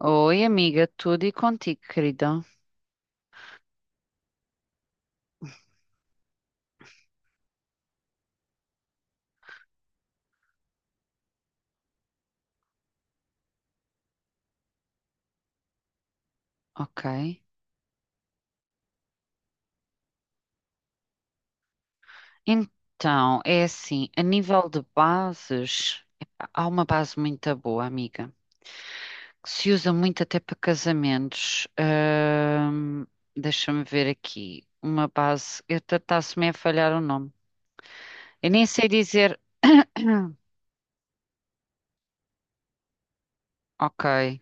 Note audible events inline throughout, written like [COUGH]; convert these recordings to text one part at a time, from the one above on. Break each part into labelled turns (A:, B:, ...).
A: Oi, amiga, tudo e contigo, querida? Ok. Então, é assim, a nível de bases, epá, há uma base muito boa, amiga, que se usa muito até para casamentos. Deixa-me ver aqui. Uma base, eu está-se-me a falhar o nome. Eu nem sei dizer. [COUGHS] [CLEARS THROAT] Ok,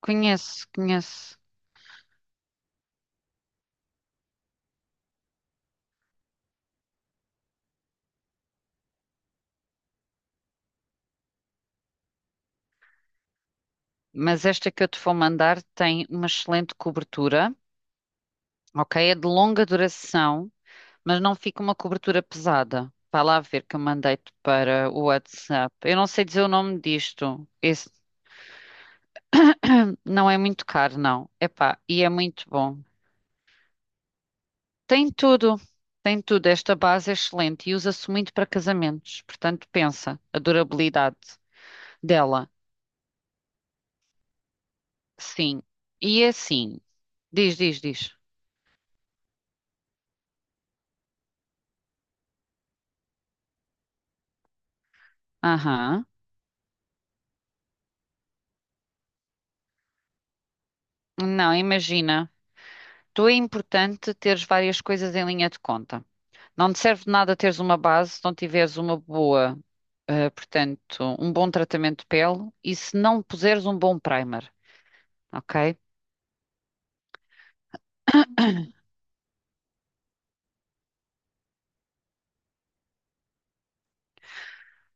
A: conheço. Mas esta que eu te vou mandar tem uma excelente cobertura, ok? É de longa duração, mas não fica uma cobertura pesada. Vai lá ver que eu mandei-te para o WhatsApp. Eu não sei dizer o nome disto. Esse [CLEARS THROAT] não é muito caro, não. Epá, e é muito bom. Tem tudo, tem tudo. Esta base é excelente e usa-se muito para casamentos. Portanto, pensa, a durabilidade dela. Sim. E é assim, diz. Aham. Não, imagina. Tu é importante teres várias coisas em linha de conta. Não te serve de nada teres uma base se não tiveres uma boa, portanto, um bom tratamento de pele e se não puseres um bom primer, ok?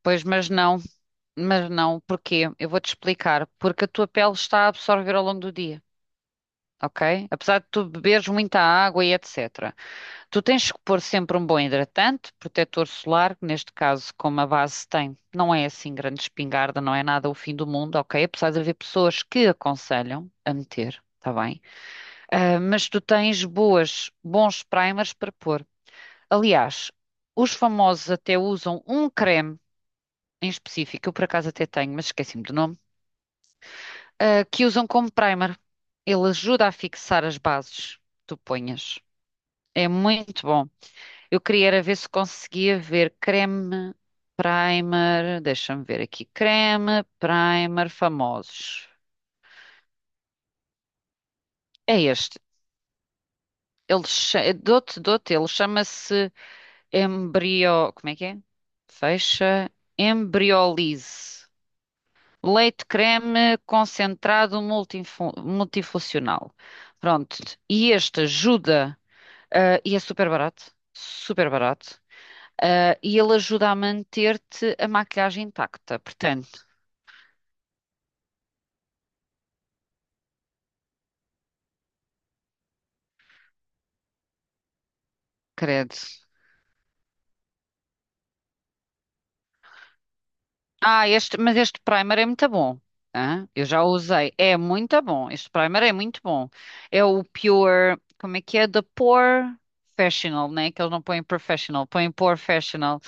A: Pois, mas não, porquê? Eu vou-te explicar. Porque a tua pele está a absorver ao longo do dia, ok? Apesar de tu beberes muita água e etc. Tu tens que pôr sempre um bom hidratante, protetor solar, que neste caso, como a base tem, não é assim grande espingarda, não é nada o fim do mundo, ok? Apesar de haver pessoas que aconselham a meter, está bem? Ah, mas tu tens boas, bons primers para pôr. Aliás, os famosos até usam um creme em específico, eu por acaso até tenho, mas esqueci-me do nome, ah, que usam como primer. Ele ajuda a fixar as bases que tu ponhas. É muito bom. Eu queria era ver se conseguia ver creme, primer, deixa-me ver aqui, creme, primer, famosos. É este. Ele, dou-te, ele chama-se Embrio. Como é que é? Fecha. Embriolise. Leite creme concentrado multifuncional. Pronto. E este ajuda, ah, e é super barato. Super barato. Ah, e ele ajuda a manter-te a maquilhagem intacta. Portanto, credo. Ah, este, mas este primer é muito bom. Hã? Eu já o usei. É muito bom. Este primer é muito bom. É o Pure. Como é que é? The Pore Professional, né? Que eles não põem professional, põem Pore Professional.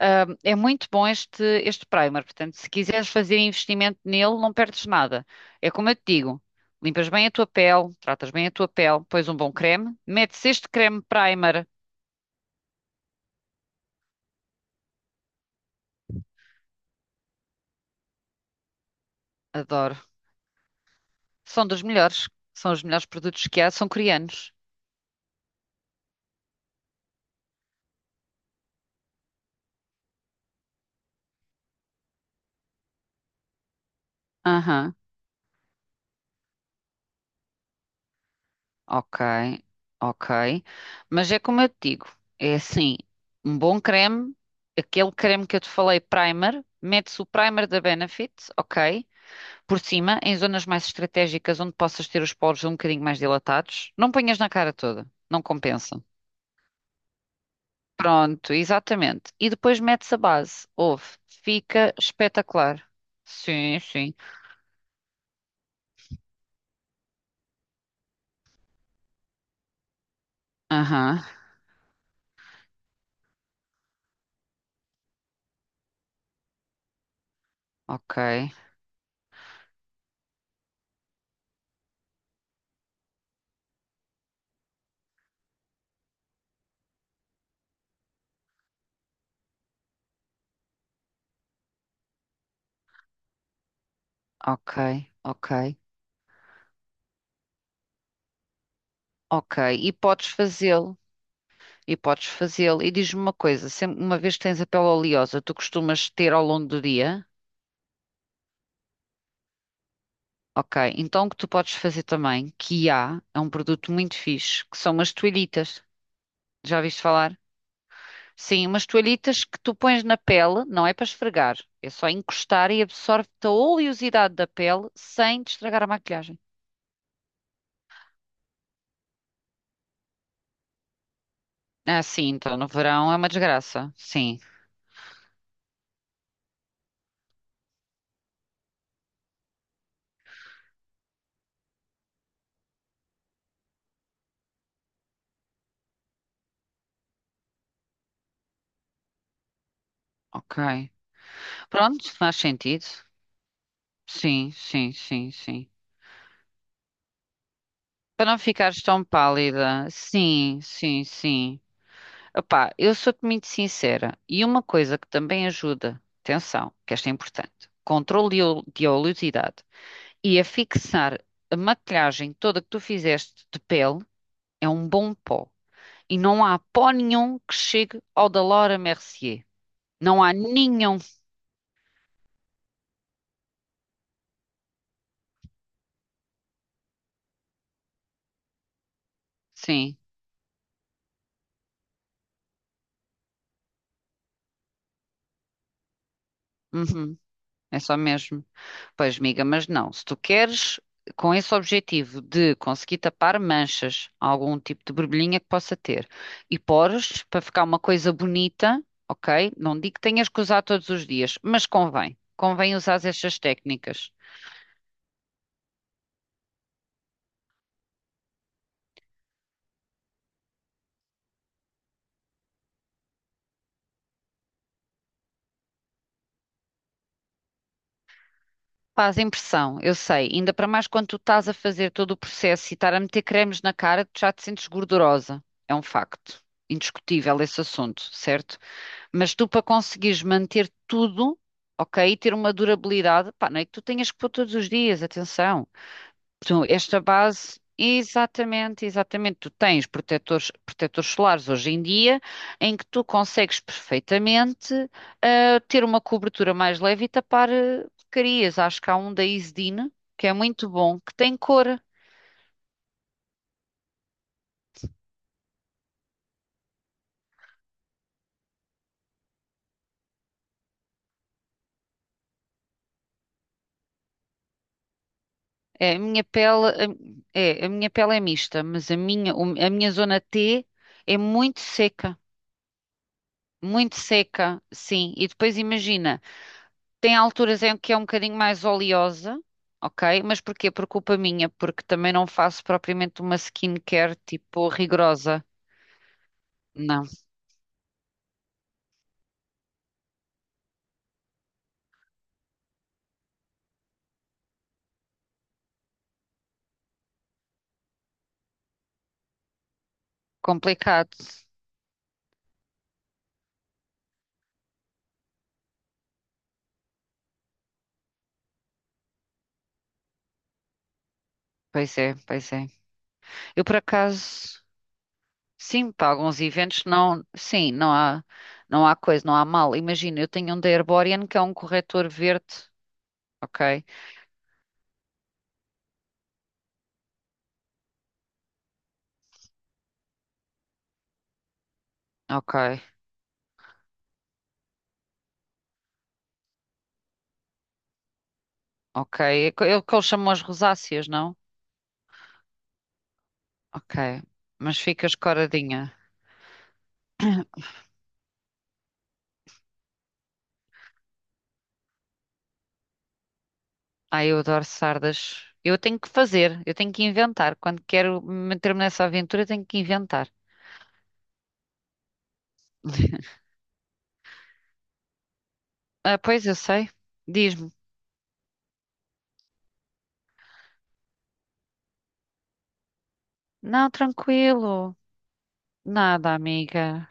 A: É muito bom este primer. Portanto, se quiseres fazer investimento nele, não perdes nada. É como eu te digo: limpas bem a tua pele, tratas bem a tua pele, pões um bom creme, metes este creme primer. Adoro. São dos melhores. São os melhores produtos que há, são coreanos. Aham. Ok, ok. Mas é como eu te digo, é assim, um bom creme, aquele creme que eu te falei, primer, mete-se o primer da Benefit, ok, por cima, em zonas mais estratégicas onde possas ter os poros um bocadinho mais dilatados. Não ponhas na cara toda, não compensa. Pronto, exatamente. E depois metes a base, ouve, fica espetacular. Sim, sim. Aham. Ok, ok, ok, ok. E podes fazê-lo. E podes fazê-lo. E diz-me uma coisa, sempre, uma vez que tens a pele oleosa, tu costumas ter ao longo do dia? Ok, então o que tu podes fazer também, que há, é um produto muito fixe, que são umas toalhitas. Já viste falar? Sim, umas toalhitas que tu pões na pele, não é para esfregar, é só encostar e absorve-te a oleosidade da pele sem te estragar a maquilhagem. Ah, sim, então no verão é uma desgraça. Sim, ok. Pronto, faz sentido. Sim, sim, sim, sim. Para não ficares tão pálida. Sim, sim, sim. Opá, eu sou-te muito sincera. E uma coisa que também ajuda, atenção, que esta é importante, controle de oleosidade. E a fixar a maquilhagem toda que tu fizeste de pele é um bom pó. E não há pó nenhum que chegue ao da Laura Mercier. Não há nenhum. Sim. Uhum. É só mesmo. Pois, amiga, mas não. Se tu queres, com esse objetivo de conseguir tapar manchas, algum tipo de borbulhinha que possa ter, e pores para ficar uma coisa bonita, ok? Não digo que tenhas que usar todos os dias, mas convém. Convém usar estas técnicas. Faz impressão, eu sei. Ainda para mais quando tu estás a fazer todo o processo e estar a meter cremes na cara, tu já te sentes gordurosa. É um facto. Indiscutível esse assunto, certo? Mas tu, para conseguires manter tudo, ok, e ter uma durabilidade, pá, não é que tu tenhas que pôr todos os dias, atenção. Então, esta base, exatamente, exatamente, tu tens protetores, protetores solares hoje em dia, em que tu consegues perfeitamente, ah, ter uma cobertura mais leve e tapar, ah, porcarias. Acho que há um da Isdin, que é muito bom, que tem cor. É, a minha pele, a- é, a minha pele é mista, mas a minha zona T é muito seca. Muito seca, sim. E depois imagina, tem alturas em que é um bocadinho mais oleosa, ok? Mas porquê? Por culpa minha, porque também não faço propriamente uma skincare tipo rigorosa. Não, complicado. Pois é, pois é. Eu por acaso, sim, para alguns eventos não, sim, não há, não há coisa, não há mal. Imagina, eu tenho um da Herborian que é um corretor verde, ok? Ok, ok. É o que eles chamam as rosáceas, não? Ok, mas fica escoradinha. Ai, eu adoro sardas. Eu tenho que fazer, eu tenho que inventar. Quando quero meter-me nessa aventura, tenho que inventar. [LAUGHS] Ah, pois eu sei. Diz-me. Não, tranquilo. Nada, amiga.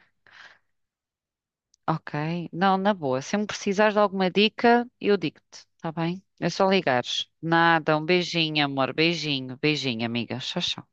A: Ok. Não, na boa. Se me precisares de alguma dica, eu digo-te, tá bem? É só ligares. Nada, um beijinho, amor. Beijinho, beijinho, amiga. Tchau, tchau.